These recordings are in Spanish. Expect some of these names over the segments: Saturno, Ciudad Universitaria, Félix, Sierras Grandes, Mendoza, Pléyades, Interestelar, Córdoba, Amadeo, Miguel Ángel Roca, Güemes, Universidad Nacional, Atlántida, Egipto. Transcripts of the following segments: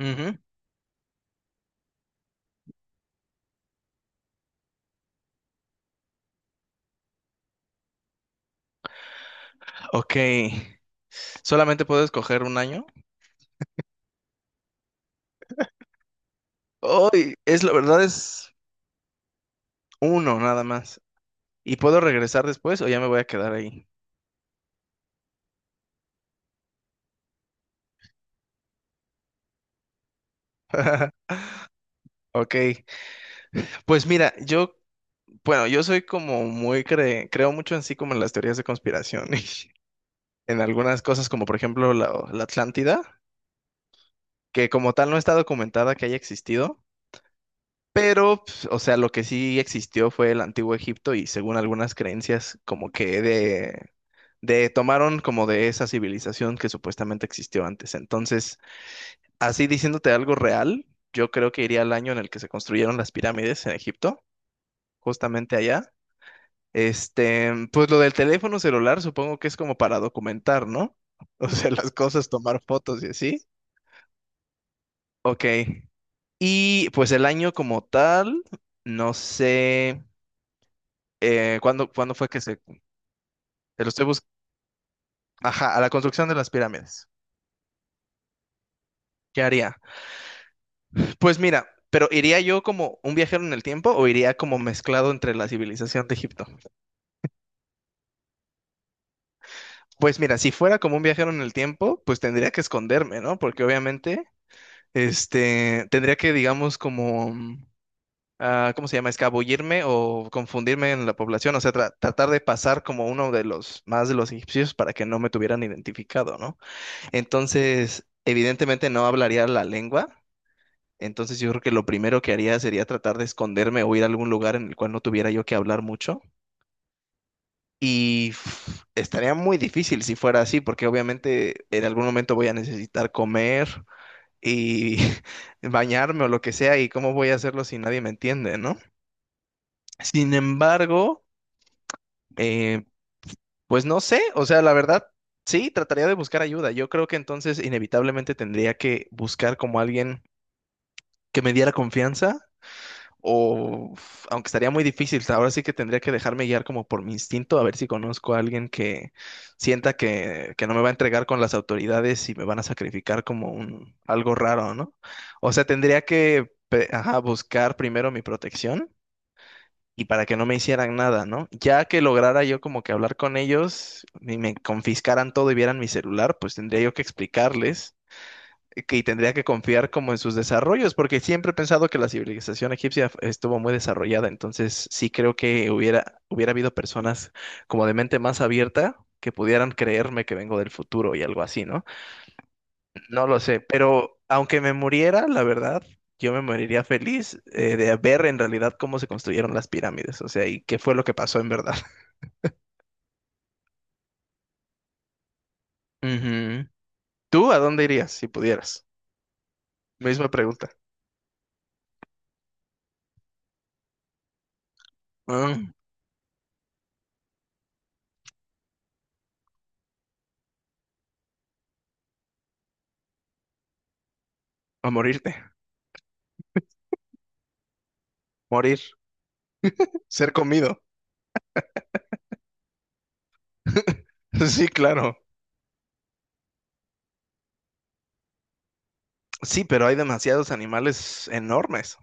Ujú. Ok. Solamente puedo escoger un año. Hoy es la verdad es uno nada más. ¿Y puedo regresar después o ya me voy a quedar ahí? Ok. Pues mira, yo, bueno, yo soy como muy creo mucho en sí como en las teorías de conspiración y en algunas cosas como por ejemplo la Atlántida, que como tal no está documentada que haya existido, pero pues, o sea, lo que sí existió fue el antiguo Egipto y según algunas creencias como que de tomaron como de esa civilización que supuestamente existió antes. Entonces, así diciéndote algo real, yo creo que iría al año en el que se construyeron las pirámides en Egipto, justamente allá. Este, pues lo del teléfono celular supongo que es como para documentar, ¿no? O sea, las cosas, tomar fotos y así. Ok. Y pues el año como tal, no sé cuándo fue que se... Lo estoy buscando. Ajá, a la construcción de las pirámides. ¿Qué haría? Pues mira, pero ¿iría yo como un viajero en el tiempo o iría como mezclado entre la civilización de Egipto? Pues mira, si fuera como un viajero en el tiempo, pues tendría que esconderme, ¿no? Porque obviamente, este, tendría que, digamos, como, ¿cómo se llama? Escabullirme o confundirme en la población, o sea, tratar de pasar como uno de los más de los egipcios para que no me tuvieran identificado, ¿no? Entonces, evidentemente no hablaría la lengua. Entonces yo creo que lo primero que haría sería tratar de esconderme o ir a algún lugar en el cual no tuviera yo que hablar mucho. Y uf, estaría muy difícil si fuera así, porque obviamente en algún momento voy a necesitar comer y bañarme o lo que sea, y cómo voy a hacerlo si nadie me entiende, ¿no? Sin embargo, eh, pues no sé, o sea, la verdad, sí, trataría de buscar ayuda. Yo creo que entonces inevitablemente tendría que buscar como alguien que me diera confianza. O, uf, aunque estaría muy difícil, ahora sí que tendría que dejarme guiar como por mi instinto, a ver si conozco a alguien que sienta que no me va a entregar con las autoridades y me van a sacrificar como un algo raro, ¿no? O sea, tendría que ajá, buscar primero mi protección y para que no me hicieran nada, ¿no? Ya que lograra yo como que hablar con ellos y me confiscaran todo y vieran mi celular, pues tendría yo que explicarles que y tendría que confiar como en sus desarrollos, porque siempre he pensado que la civilización egipcia estuvo muy desarrollada, entonces sí creo que hubiera habido personas como de mente más abierta que pudieran creerme que vengo del futuro y algo así, ¿no? No lo sé, pero aunque me muriera, la verdad, yo me moriría feliz de ver en realidad cómo se construyeron las pirámides, o sea, y qué fue lo que pasó en verdad. Ujú. ¿Tú a dónde irías si pudieras? Misma pregunta. Ah, a morirte, morir, ser comido. Sí, claro. Sí, pero hay demasiados animales enormes.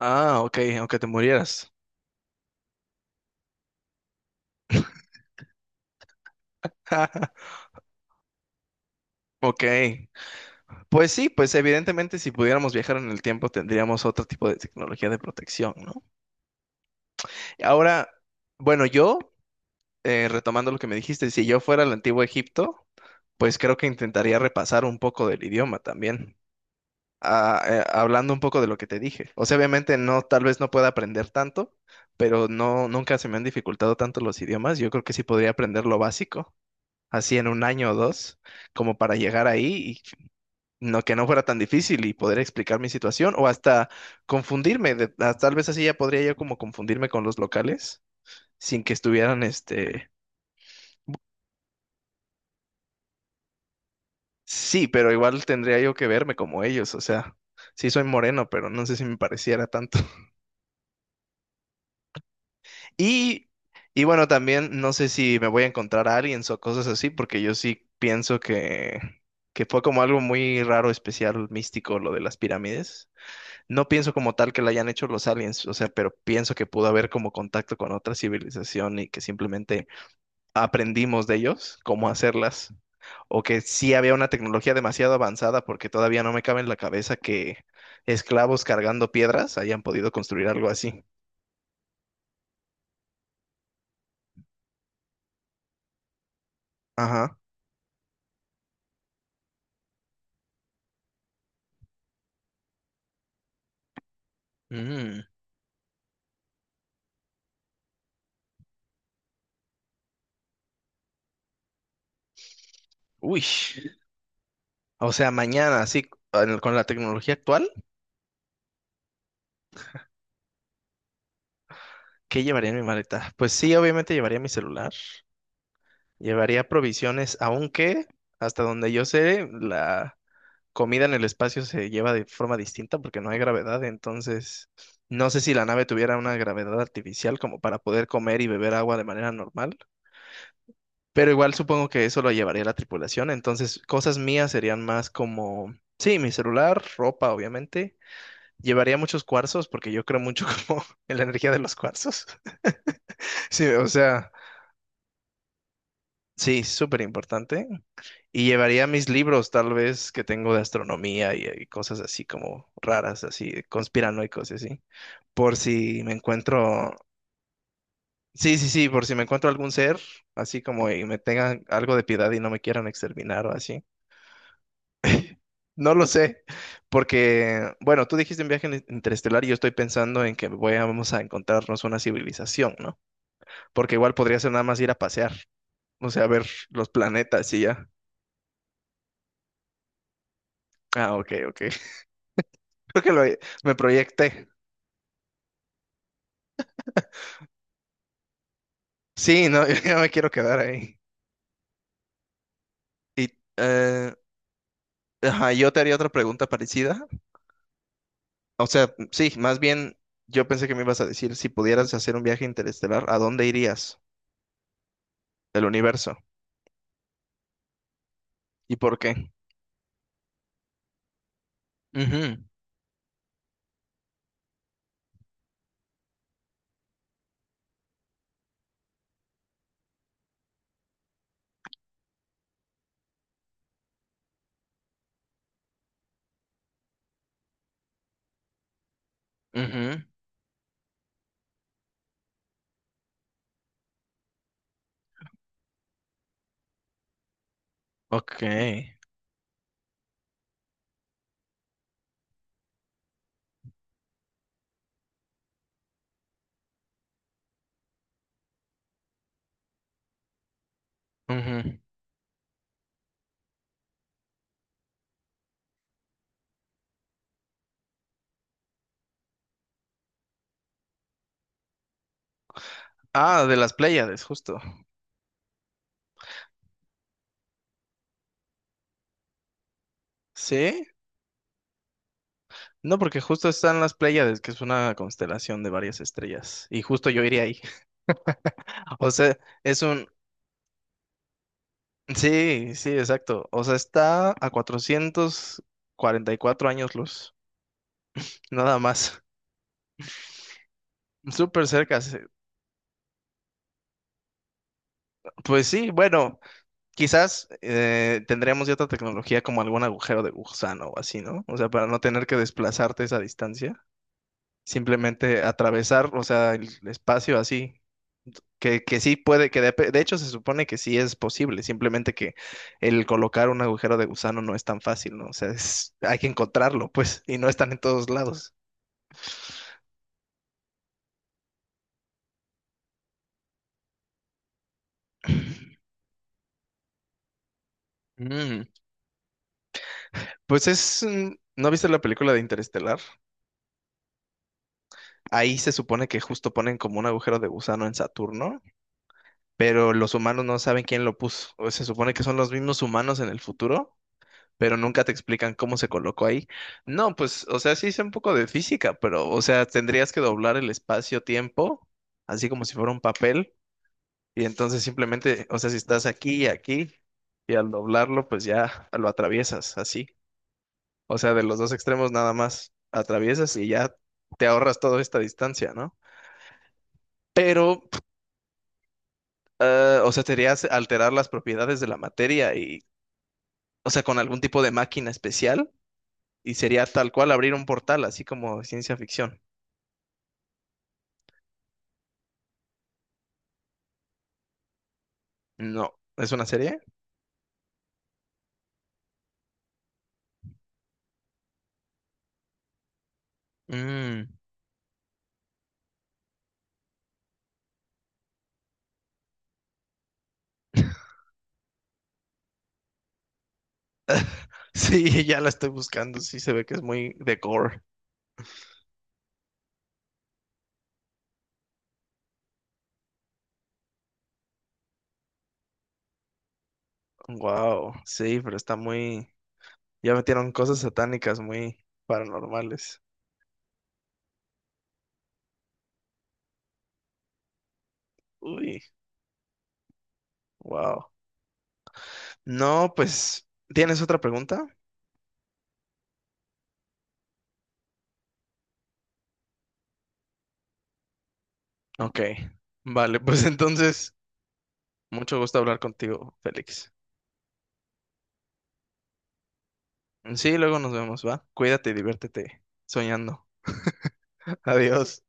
Ah, ok, aunque te murieras. Ok. Pues sí, pues evidentemente si pudiéramos viajar en el tiempo tendríamos otro tipo de tecnología de protección, ¿no? Ahora, bueno, yo, retomando lo que me dijiste, si yo fuera al antiguo Egipto, pues creo que intentaría repasar un poco del idioma también. Hablando un poco de lo que te dije. O sea, obviamente no, tal vez no pueda aprender tanto, pero no, nunca se me han dificultado tanto los idiomas. Yo creo que sí podría aprender lo básico, así en un año o dos, como para llegar ahí y no que no fuera tan difícil y poder explicar mi situación o hasta confundirme. Ah, tal vez así ya podría yo como confundirme con los locales sin que estuvieran, este, sí, pero igual tendría yo que verme como ellos. O sea, sí soy moreno, pero no sé si me pareciera tanto. Y, y bueno, también no sé si me voy a encontrar a alguien o cosas así, porque yo sí pienso que fue como algo muy raro, especial, místico lo de las pirámides. No pienso como tal que la hayan hecho los aliens, o sea, pero pienso que pudo haber como contacto con otra civilización y que simplemente aprendimos de ellos cómo hacerlas. O que sí había una tecnología demasiado avanzada, porque todavía no me cabe en la cabeza que esclavos cargando piedras hayan podido construir algo así. Ajá. Mm. Uy. O sea, mañana, así, con la tecnología actual, ¿qué llevaría en mi maleta? Pues sí, obviamente llevaría mi celular, llevaría provisiones, aunque hasta donde yo sé, la comida en el espacio se lleva de forma distinta porque no hay gravedad, entonces no sé si la nave tuviera una gravedad artificial como para poder comer y beber agua de manera normal, pero igual supongo que eso lo llevaría la tripulación, entonces cosas mías serían más como, sí, mi celular, ropa, obviamente. Llevaría muchos cuarzos porque yo creo mucho como en la energía de los cuarzos. Sí, o sea, sí, súper importante. Y llevaría mis libros tal vez que tengo de astronomía y cosas así como raras, así conspiranoicos y así. Por si me encuentro, sí, sí, sí, por si me encuentro algún ser, así como y me tengan algo de piedad y no me quieran exterminar o así. No lo sé, porque, bueno, tú dijiste un viaje interestelar y yo estoy pensando en que vamos a encontrarnos una civilización, ¿no? Porque igual podría ser nada más ir a pasear, o sea, ver los planetas y ya. Ah, ok, ok. Creo que lo, me proyecté. Sí, no, yo ya me quiero quedar ahí. Y eh, ajá, yo te haría otra pregunta parecida. O sea, sí, más bien yo pensé que me ibas a decir si pudieras hacer un viaje interestelar, ¿a dónde irías del universo? ¿Y por qué? Ujú, ujú, ok. Ujú. Ah, de las Pléyades, justo. ¿Sí? No, porque justo están las Pléyades, que es una constelación de varias estrellas, y justo yo iría ahí. O sea, es un... Sí, sí, exacto. O sea, está a 444 años luz, nada más. Súper cerca. Sí. Pues sí, bueno, quizás tendríamos ya otra tecnología como algún agujero de gusano o así, ¿no? O sea, para no tener que desplazarte esa distancia, simplemente atravesar, o sea, el espacio así. Que sí puede, que de hecho se supone que sí es posible, simplemente que el colocar un agujero de gusano no es tan fácil, ¿no? O sea, hay que encontrarlo, pues, y no están en todos lados. Mm, pues es, mm, ¿no viste la película de Interestelar? Ahí se supone que justo ponen como un agujero de gusano en Saturno, pero los humanos no saben quién lo puso. O se supone que son los mismos humanos en el futuro, pero nunca te explican cómo se colocó ahí. No, pues, o sea, sí sé un poco de física, pero, o sea, tendrías que doblar el espacio-tiempo, así como si fuera un papel, y entonces simplemente, o sea, si estás aquí y aquí, y al doblarlo, pues ya lo atraviesas, así. O sea, de los dos extremos nada más atraviesas y ya te ahorras toda esta distancia, ¿no? Pero, o sea, te alterar las propiedades de la materia y, o sea, con algún tipo de máquina especial y sería tal cual abrir un portal, así como ciencia ficción. No, ¿es una serie? Mm. Sí, ya la estoy buscando, sí se ve que es muy de gore. Wow, sí, pero está muy... Ya metieron cosas satánicas muy paranormales. Uy, wow. No, pues, ¿tienes otra pregunta? Ok, vale, pues entonces, mucho gusto hablar contigo, Félix. Sí, luego nos vemos, ¿va? Cuídate y diviértete soñando. Adiós.